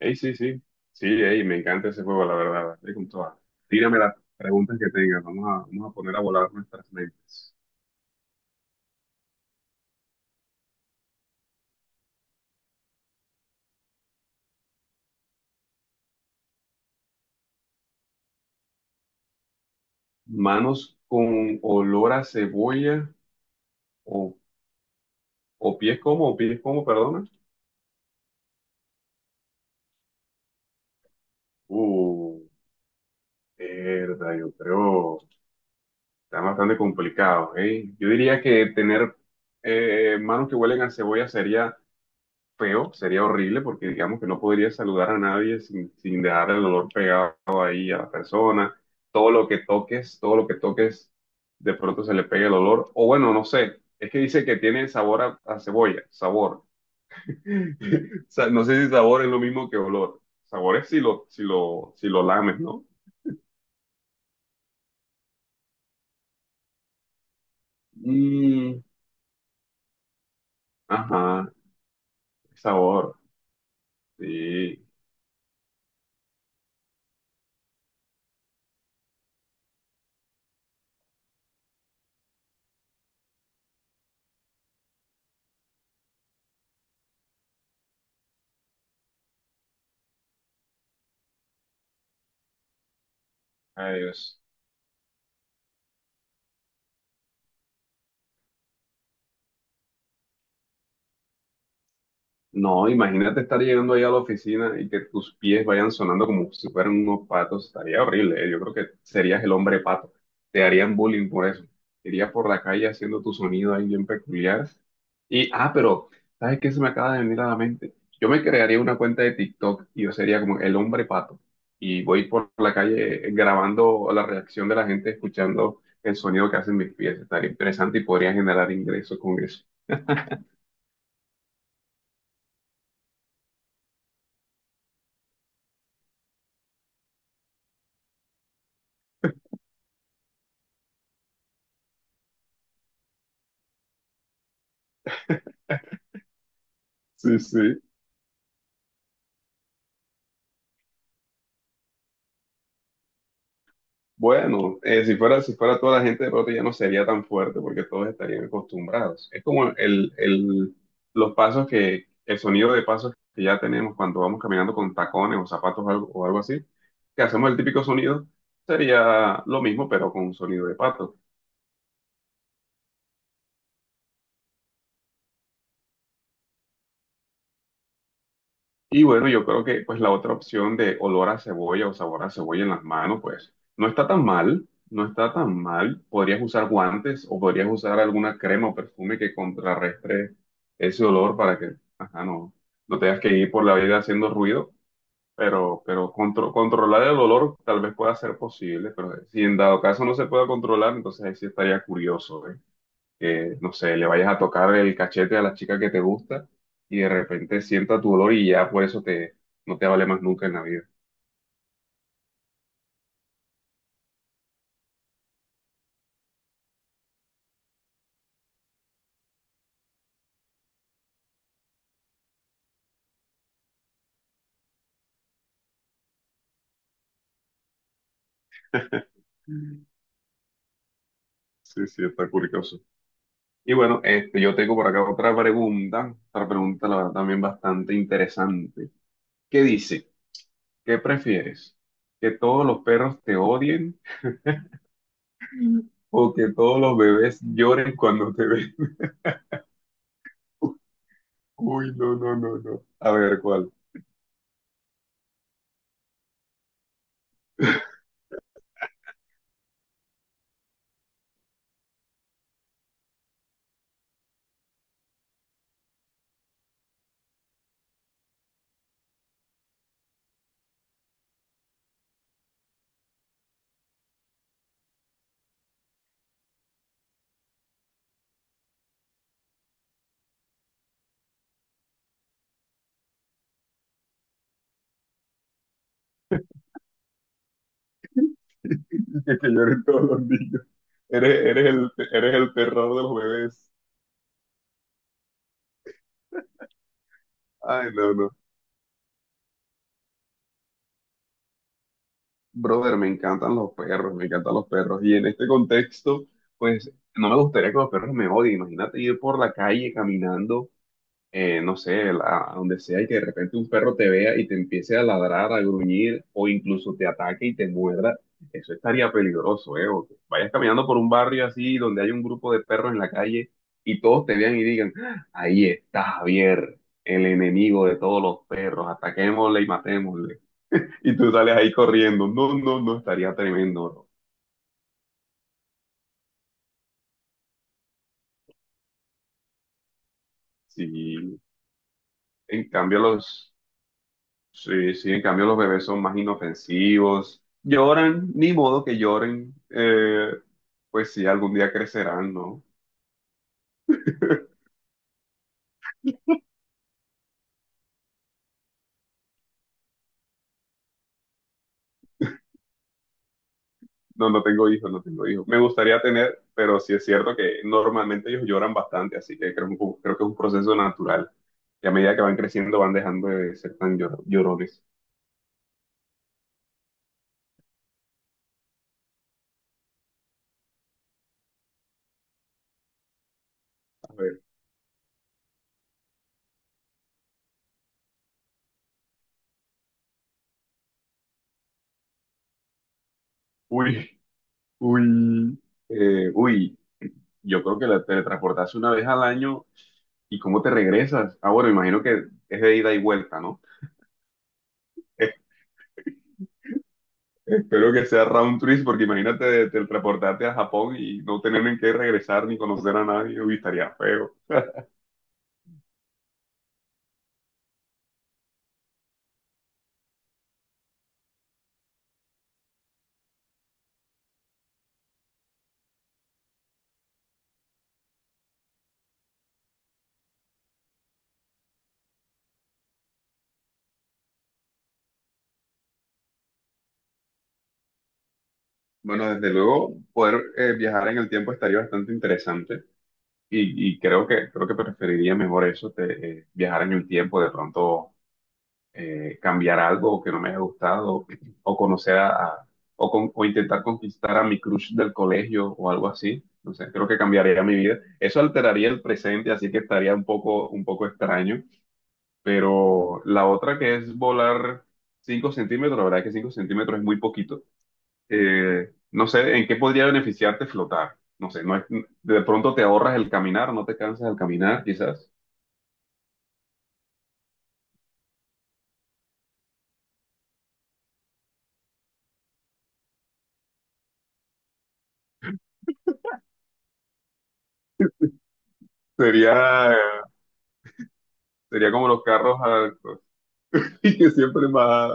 Ey, sí, sí. Sí, ey, me encanta ese juego, la verdad. Dale con toda. Tírame las preguntas que tengas. Vamos a poner a volar nuestras mentes. Manos con olor a cebolla o, o pies como, perdona. Uh, Verdad, yo creo. Está bastante complicado, ¿eh? Yo diría que tener manos que huelen a cebolla sería feo, sería horrible porque digamos que no podría saludar a nadie sin dejar el olor pegado ahí a la persona. Todo lo que toques, todo lo que toques, de pronto se le pega el olor. O bueno, no sé, es que dice que tiene sabor a cebolla, sabor. No sé si sabor es lo mismo que olor. Sabor es si lo lames, ¿no? Mm, ajá, sabor. Sí, adiós. No, imagínate estar llegando ahí a la oficina y que tus pies vayan sonando como si fueran unos patos. Estaría horrible, ¿eh? Yo creo que serías el hombre pato. Te harían bullying por eso. Irías por la calle haciendo tu sonido ahí bien peculiar. Y, ah, pero, ¿sabes qué se me acaba de venir a la mente? Yo me crearía una cuenta de TikTok y yo sería como el hombre pato. Y voy por la calle grabando la reacción de la gente escuchando el sonido que hacen mis pies. Estaría interesante y podría generar ingresos con eso. Sí, sí. Bueno, si fuera toda la gente de pronto ya no sería tan fuerte porque todos estarían acostumbrados. Es como los pasos que, el sonido de pasos que ya tenemos cuando vamos caminando con tacones o zapatos o algo así, que hacemos el típico sonido, sería lo mismo pero con un sonido de pato. Y bueno, yo creo que pues la otra opción de olor a cebolla o sabor a cebolla en las manos, pues no está tan mal, no está tan mal. Podrías usar guantes o podrías usar alguna crema o perfume que contrarrestre ese olor para que, ajá, no tengas que ir por la vida haciendo ruido, pero controlar el olor tal vez pueda ser posible, pero si en dado caso no se pueda controlar, entonces ahí sí estaría curioso, ¿eh? Que, no sé, le vayas a tocar el cachete a la chica que te gusta y de repente sienta tu olor y ya por eso te, no te vale más nunca en la vida. Mm. Sí, sí, está curioso. Y bueno, este, yo tengo por acá otra pregunta la verdad también bastante interesante. ¿Qué dice? ¿Qué prefieres? ¿Que todos los perros te odien o que todos los bebés lloren cuando te ven? Uy, no, no, no, no. A ver, ¿cuál? Que lloren todos los niños. Eres el terror de los bebés. Ay, no, no. Brother, me encantan los perros, me encantan los perros. Y en este contexto, pues no me gustaría que los perros me odien. Imagínate ir por la calle caminando no sé, a donde sea, y que de repente un perro te vea y te empiece a ladrar, a gruñir, o incluso te ataque y te muerda, eso estaría peligroso, ¿eh? O que vayas caminando por un barrio así donde hay un grupo de perros en la calle y todos te vean y digan, "Ah, ahí está Javier, el enemigo de todos los perros, ataquémosle y matémosle. Y tú sales ahí corriendo, no, no, no, estaría tremendo, ¿no? Sí, en cambio los... Sí, sí, en cambio los bebés son más inofensivos, lloran, ni modo que lloren, pues sí, algún día crecerán, ¿no? No, no tengo hijos, no tengo hijos. Me gustaría tener, pero sí es cierto que normalmente ellos lloran bastante, así que creo que es un proceso natural. Y a medida que van creciendo van dejando de ser tan llorones. A ver, uy, uy, uy, yo creo que la teletransportarse una vez al año y cómo te regresas. Ah, bueno, imagino que es de ida y vuelta, ¿no? Espero que sea round trip, porque imagínate teleportarte a Japón y no tener en qué regresar ni conocer a nadie, uy, estaría feo. Bueno, desde luego, poder viajar en el tiempo estaría bastante interesante y creo que preferiría mejor eso, viajar en el tiempo, de pronto cambiar algo que no me haya gustado o conocer a, o intentar conquistar a mi crush del colegio o algo así. No sé, creo que cambiaría mi vida. Eso alteraría el presente, así que estaría un poco extraño. Pero la otra que es volar 5 centímetros, la verdad que 5 centímetros es muy poquito. No sé, ¿en qué podría beneficiarte flotar? No sé, no es- de pronto te ahorras el caminar, no te cansas al caminar, quizás. Sería, eh, sería como los carros altos, que siempre más...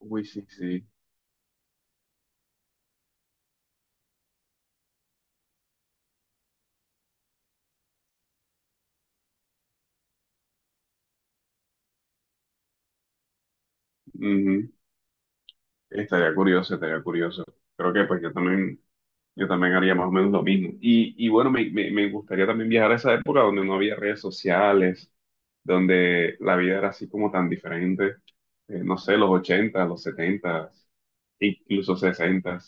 Uy, sí, sí. Ujú. Estaría curioso, estaría curioso. Creo que pues yo también... Yo también haría más o menos lo mismo. Y bueno, me gustaría también viajar a esa época donde no había redes sociales, donde la vida era así como tan diferente. No sé, los 80 los 70 incluso 60.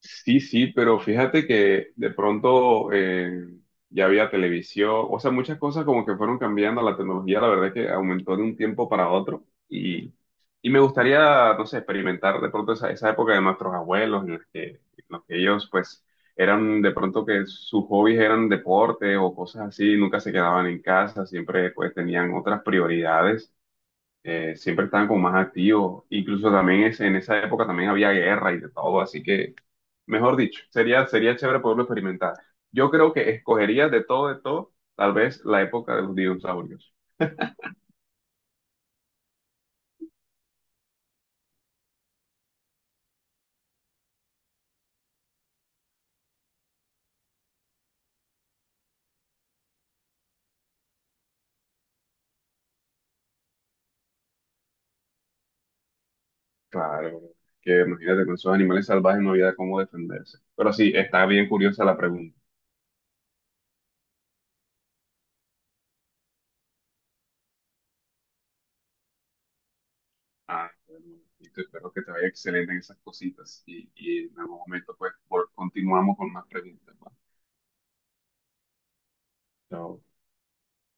Sí, sí, pero fíjate que de pronto ya había televisión, o sea, muchas cosas como que fueron cambiando, la tecnología la verdad es que aumentó de un tiempo para otro y me gustaría, no sé, experimentar de pronto esa época de nuestros abuelos en la que, en los que ellos pues eran de pronto que sus hobbies eran deporte o cosas así, nunca se quedaban en casa, siempre pues tenían otras prioridades, siempre estaban como más activos, incluso también en esa época también había guerra y de todo, así que... Mejor dicho, sería chévere poderlo experimentar. Yo creo que escogería de todo, tal vez la época de los dinosaurios. Claro, que imagínate con esos animales salvajes no había cómo defenderse. Pero sí, está bien curiosa la pregunta. Ah, bueno, y te espero que te vaya excelente en esas cositas. Y en algún momento, pues, continuamos con más preguntas. ¿Va? Chao.